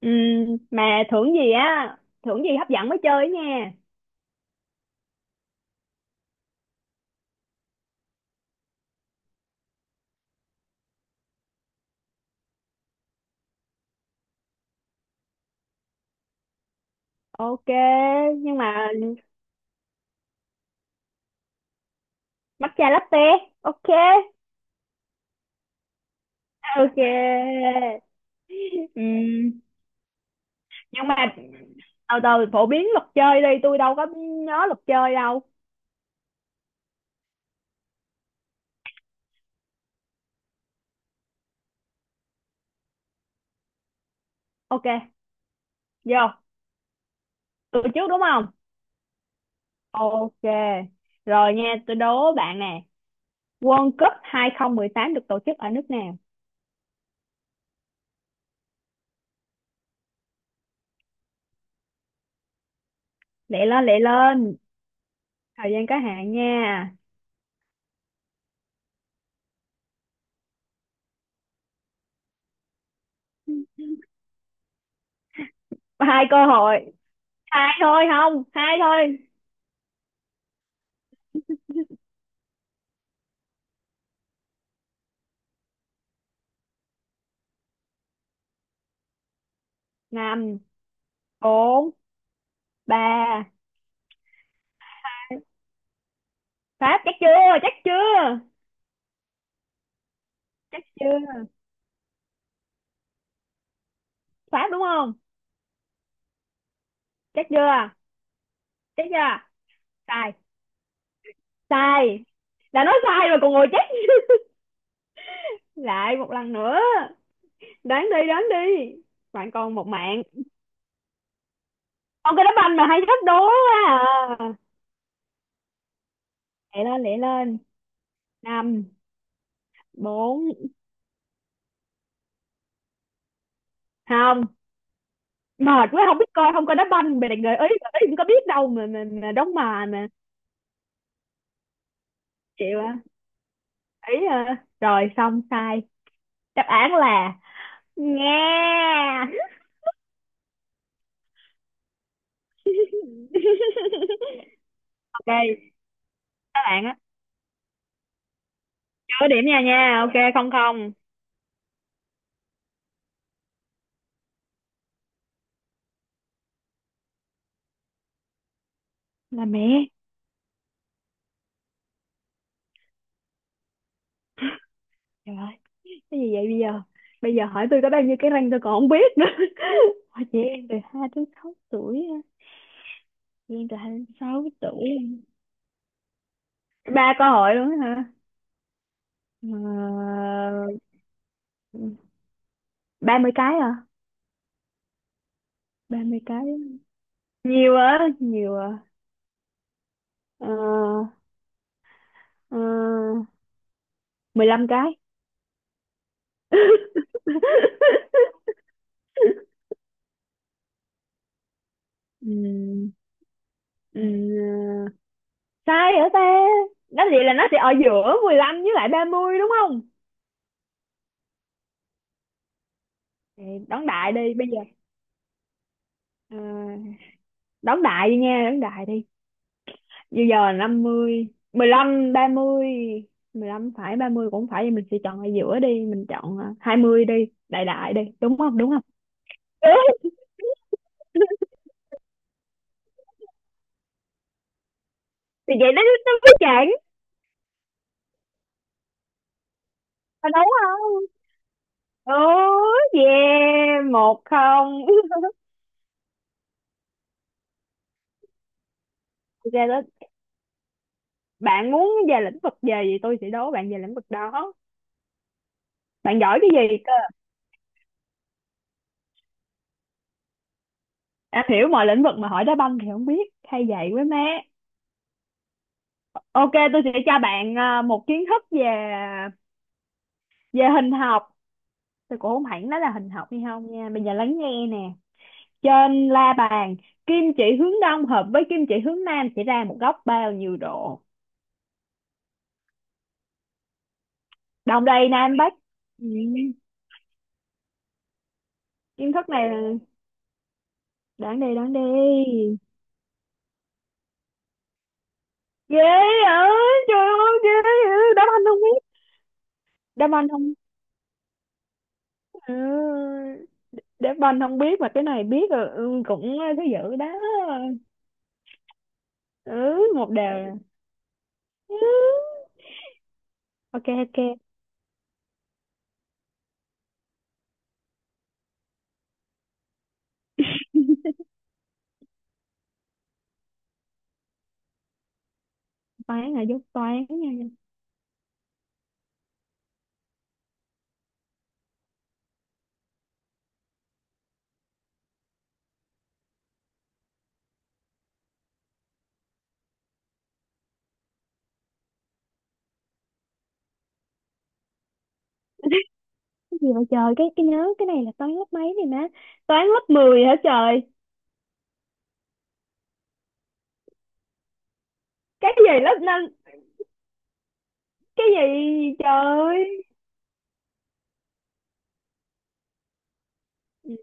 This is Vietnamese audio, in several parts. Mà thưởng gì á? Thưởng gì hấp dẫn mới chơi nha. Ok, nhưng mà matcha latte. Ok, ok. Ừm, nhưng mà từ từ phổ biến luật chơi đi, tôi đâu có nhớ luật chơi đâu. Ok, vô. Tôi trước đúng không? Ok, rồi nha, tôi đố bạn nè. World Cup 2018 được tổ chức ở nước nào? Lẹ lên, lẹ lên, thời gian có hạn nha. Có hai cơ hội, hai thôi, không, hai thôi. Năm, bốn, ba. Pháp. Chắc chưa, chắc chưa, chắc chưa. Pháp đúng không? Chắc chưa, chắc chưa. Sai. Sai. Đã nói sai rồi còn ngồi chắc. Lại một lần nữa, đoán đi, đoán đi. Bạn còn một mạng. Con cái đá banh mà hay thách đố quá. À, lẹ lên lẹ lên. Năm, bốn, không. Mệt quá, không biết coi không coi đá banh, mày định gợi ý, gợi ý cũng có biết đâu mà đóng mà. Chịu à? Ý à? Rồi xong sai. Đáp án là, nghe đây các bạn á. Chưa điểm nha nha, ok, không không. Là mẹ. Trời ơi, cái gì vậy bây giờ? Bây giờ hỏi tôi có bao nhiêu cái răng tôi còn không biết nữa. Hỏi chị em từ hai tới sáu tuổi á. Chị em từ hai đến sáu tuổi. Ba câu hỏi luôn á hả? Ba mươi cái à? Ba mươi cái nhiều á, nhiều à. Ờ, ờ, mười lăm cái. Ừm, ừm, sai hả ta? Nói vậy là nó sẽ ở giữa 15 với lại 30 đúng không? Thì đón đại đi bây giờ. Ờ, đón đại đi nha, đón đại đi. Bây giờ năm mươi, mười lăm, ba mươi. Mười lăm phải, 30 cũng phải, thì mình sẽ chọn ở giữa đi, mình chọn 20 đi. Đại đại đi, đúng không đúng không? Thì vậy nó mới chẳng. Mà đúng không? Ừ, yeah, một không. Ok đó, bạn muốn về lĩnh vực gì thì tôi sẽ đố bạn về lĩnh vực đó. Bạn giỏi cái gì cơ? Đã hiểu mọi lĩnh vực mà hỏi đá banh thì không biết, hay vậy quá má. Ok, tôi sẽ cho bạn một kiến thức về về hình học. Tôi cũng không hẳn nói là hình học hay không nha. Bây giờ lắng nghe nè. Trên la bàn, kim chỉ hướng đông hợp với kim chỉ hướng nam sẽ ra một góc bao nhiêu độ? Đông Tây Nam Bắc. Ừ. Kiến thức này là, đoán đi, đoán đi. Ghê ơi, trời ơi, ghê ơi. Đáp anh không biết. Đáp anh không, ừ. Đáp anh không biết mà cái này biết rồi. Ừ, cũng thứ dữ đó. Ừ, một đều. Ừ. Ok ok. Toán là dốt toán nha. Cái gì vậy trời, cái nhớ cái này là toán lớp mấy này má? Toán lớp 10 hả trời? Cái gì lớp năm? Cái gì trời ơi. Ừ,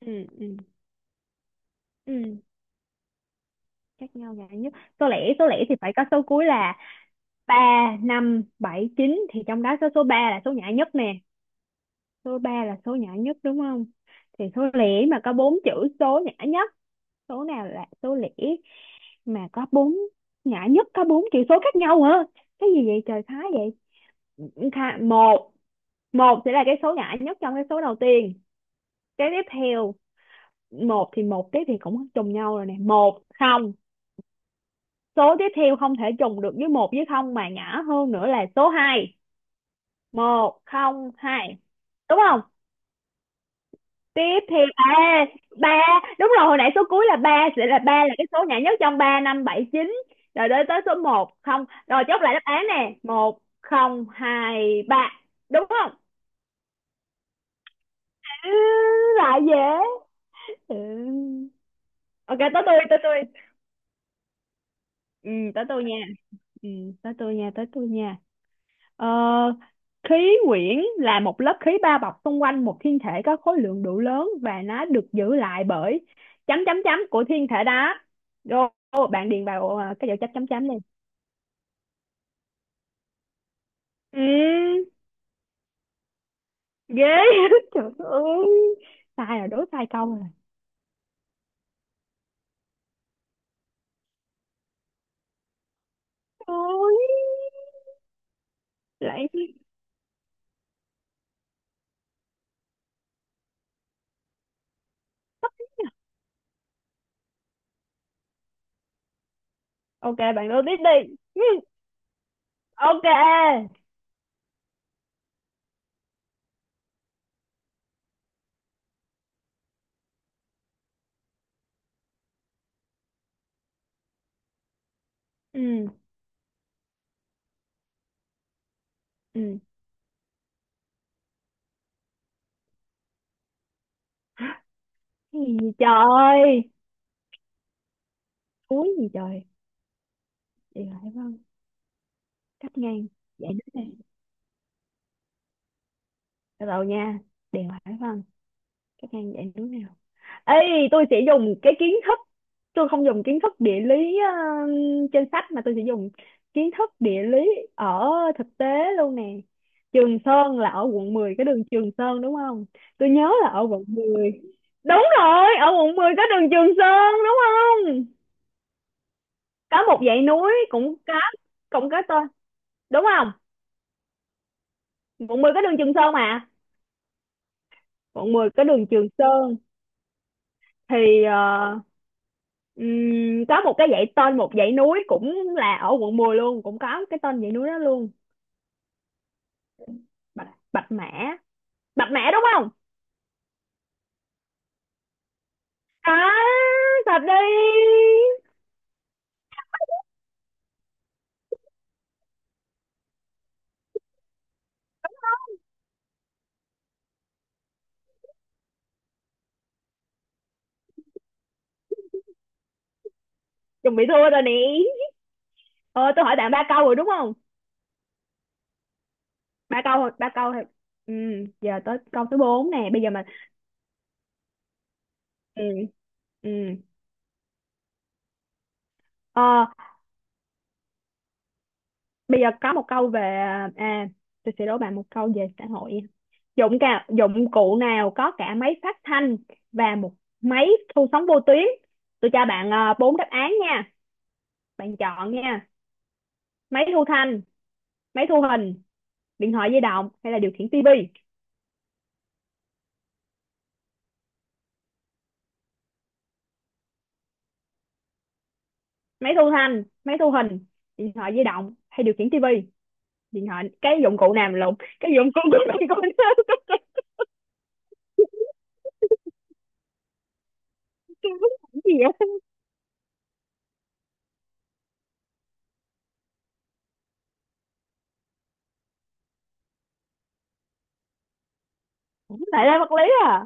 ừ, ừ, ừ. Chắc nhau ngại nhất. Số lẻ, số lẻ thì phải có số cuối là ba, năm, bảy, chín, thì trong đó có số ba là số nhã nhất nè. Số ba là số nhã nhất đúng không? Thì số lẻ mà có bốn chữ số nhã nhất. Số nào là số lẻ mà có bốn nhã nhất có bốn chữ số khác nhau hả? Cái gì vậy trời, thái vậy? Tha- một, một sẽ là cái số nhỏ nhất trong cái số đầu tiên. Cái tiếp theo, một thì một tiếp thì cũng trùng nhau rồi nè, một không. Số tiếp theo không thể trùng được với một với không mà nhỏ hơn nữa là số hai. Một không hai, đúng không? Tiếp theo ba. Ba, đúng rồi, hồi nãy số cuối là ba sẽ là ba, là cái số nhỏ nhất trong ba, năm, bảy, chín. Rồi đến tới số một không, rồi chốt lại đáp án nè, một không hai ba, đúng không? Ừ, lại dễ. Ừ. Ok, tới tôi, tới tôi. Ừ, tới tôi nha. Ừ, tới tôi nha, tới tôi nha. Ờ, khí quyển là một lớp khí bao bọc xung quanh một thiên thể có khối lượng đủ lớn và nó được giữ lại bởi chấm chấm chấm của thiên thể đó. Rồi, ô, bạn điền vào cái dấu chấm chấm chấm đi. Ừ, ghê. Trời ơi. Sai rồi, đố sai câu rồi. Ôi, lại. Ok bạn đố tiếp đi. Ừ, ok. Ừ, ừ. Cái gì trời? Thúi gì trời? Điều hải vân cắt ngang dãy núi này. Từ đầu nha. Điều hải vân cắt ngang dãy núi nào? Ê, tôi sẽ dùng cái kiến thức, tôi không dùng kiến thức địa lý trên sách mà tôi sẽ dùng kiến thức địa lý ở thực tế luôn nè. Trường Sơn là ở quận 10 cái đường Trường Sơn đúng không? Tôi nhớ là ở quận mười, đúng rồi, ở quận 10 có đường Trường Sơn đúng không? Có một dãy núi cũng có, cũng có tên, đúng không? Quận 10 có đường Trường Sơn mà. Quận 10 có đường Trường Sơn thì có một cái dãy tên, một dãy núi cũng là ở quận 10 luôn, cũng có cái tên dãy núi đó luôn. Bạch, Bạch Mã. Bạch Mã đúng không? À, thật đi. Chuẩn bị thua rồi nè. Ờ, tôi hỏi bạn ba câu rồi đúng không? Ba câu thôi, ba câu thôi. Ừ, giờ tới câu thứ bốn nè bây giờ mà. Ừ, ừ. Ờ, bây giờ có một câu về, à, tôi sẽ đố bạn một câu về xã hội. Dụng cả dụng cụ nào có cả máy phát thanh và một máy thu sóng vô tuyến? Tôi cho bạn bốn đáp án nha, bạn chọn nha. Máy thu thanh, máy thu hình, điện thoại di động hay là điều khiển tivi? Máy thu thanh, máy thu hình, điện thoại di động hay điều khiển tivi? Điện thoại, cái dụng cụ nào mà lộn. Cái dụng cụ nào mà con cái dụng cụ nào mà lộn, cái gì vậy? Tại là vật lý à?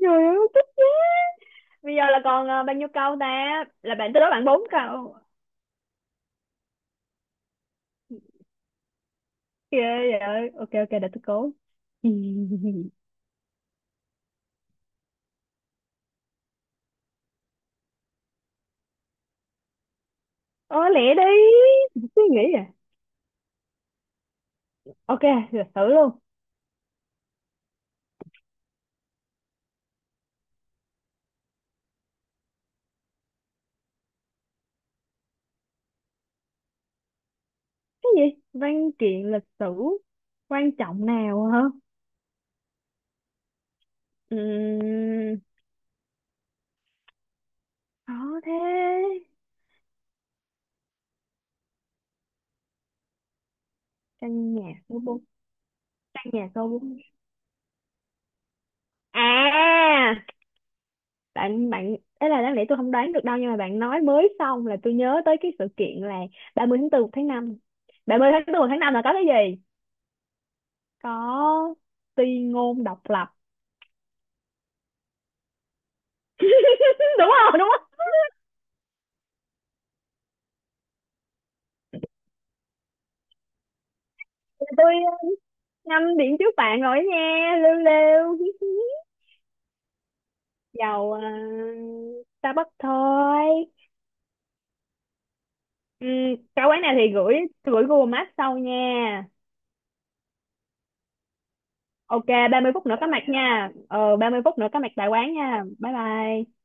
Trời ơi. Bây giờ là còn bao nhiêu câu ta? Là bạn tới đó bạn bốn câu. Ghê vậy. Ok ok để tôi cố. Ờ lẹ đi. Suy nghĩ à. Ok, lịch sử luôn. Cái gì? Văn kiện lịch sử quan trọng nào hả? Ừm, khó thế. Căn nhà số 4, căn nhà số 4. À, bạn bạn ấy là đáng lẽ tôi không đoán được đâu, nhưng mà bạn nói mới xong là tôi nhớ tới cái sự kiện là 30 tháng 4 một tháng năm. Ba mươi tháng 4 một tháng 5 là có cái gì? Có ti ngôn độc lập. Đúng không, đúng không? Tôi, uh, ngâm điện trước bạn rồi đó nha, lêu lêu. Dầu Starbucks thôi. Ừ, cái quán này thì gửi gửi Google Maps sau nha. Ok. 30 phút nữa có mặt nha, ờ 30 phút nữa có mặt tại quán nha, bye bye.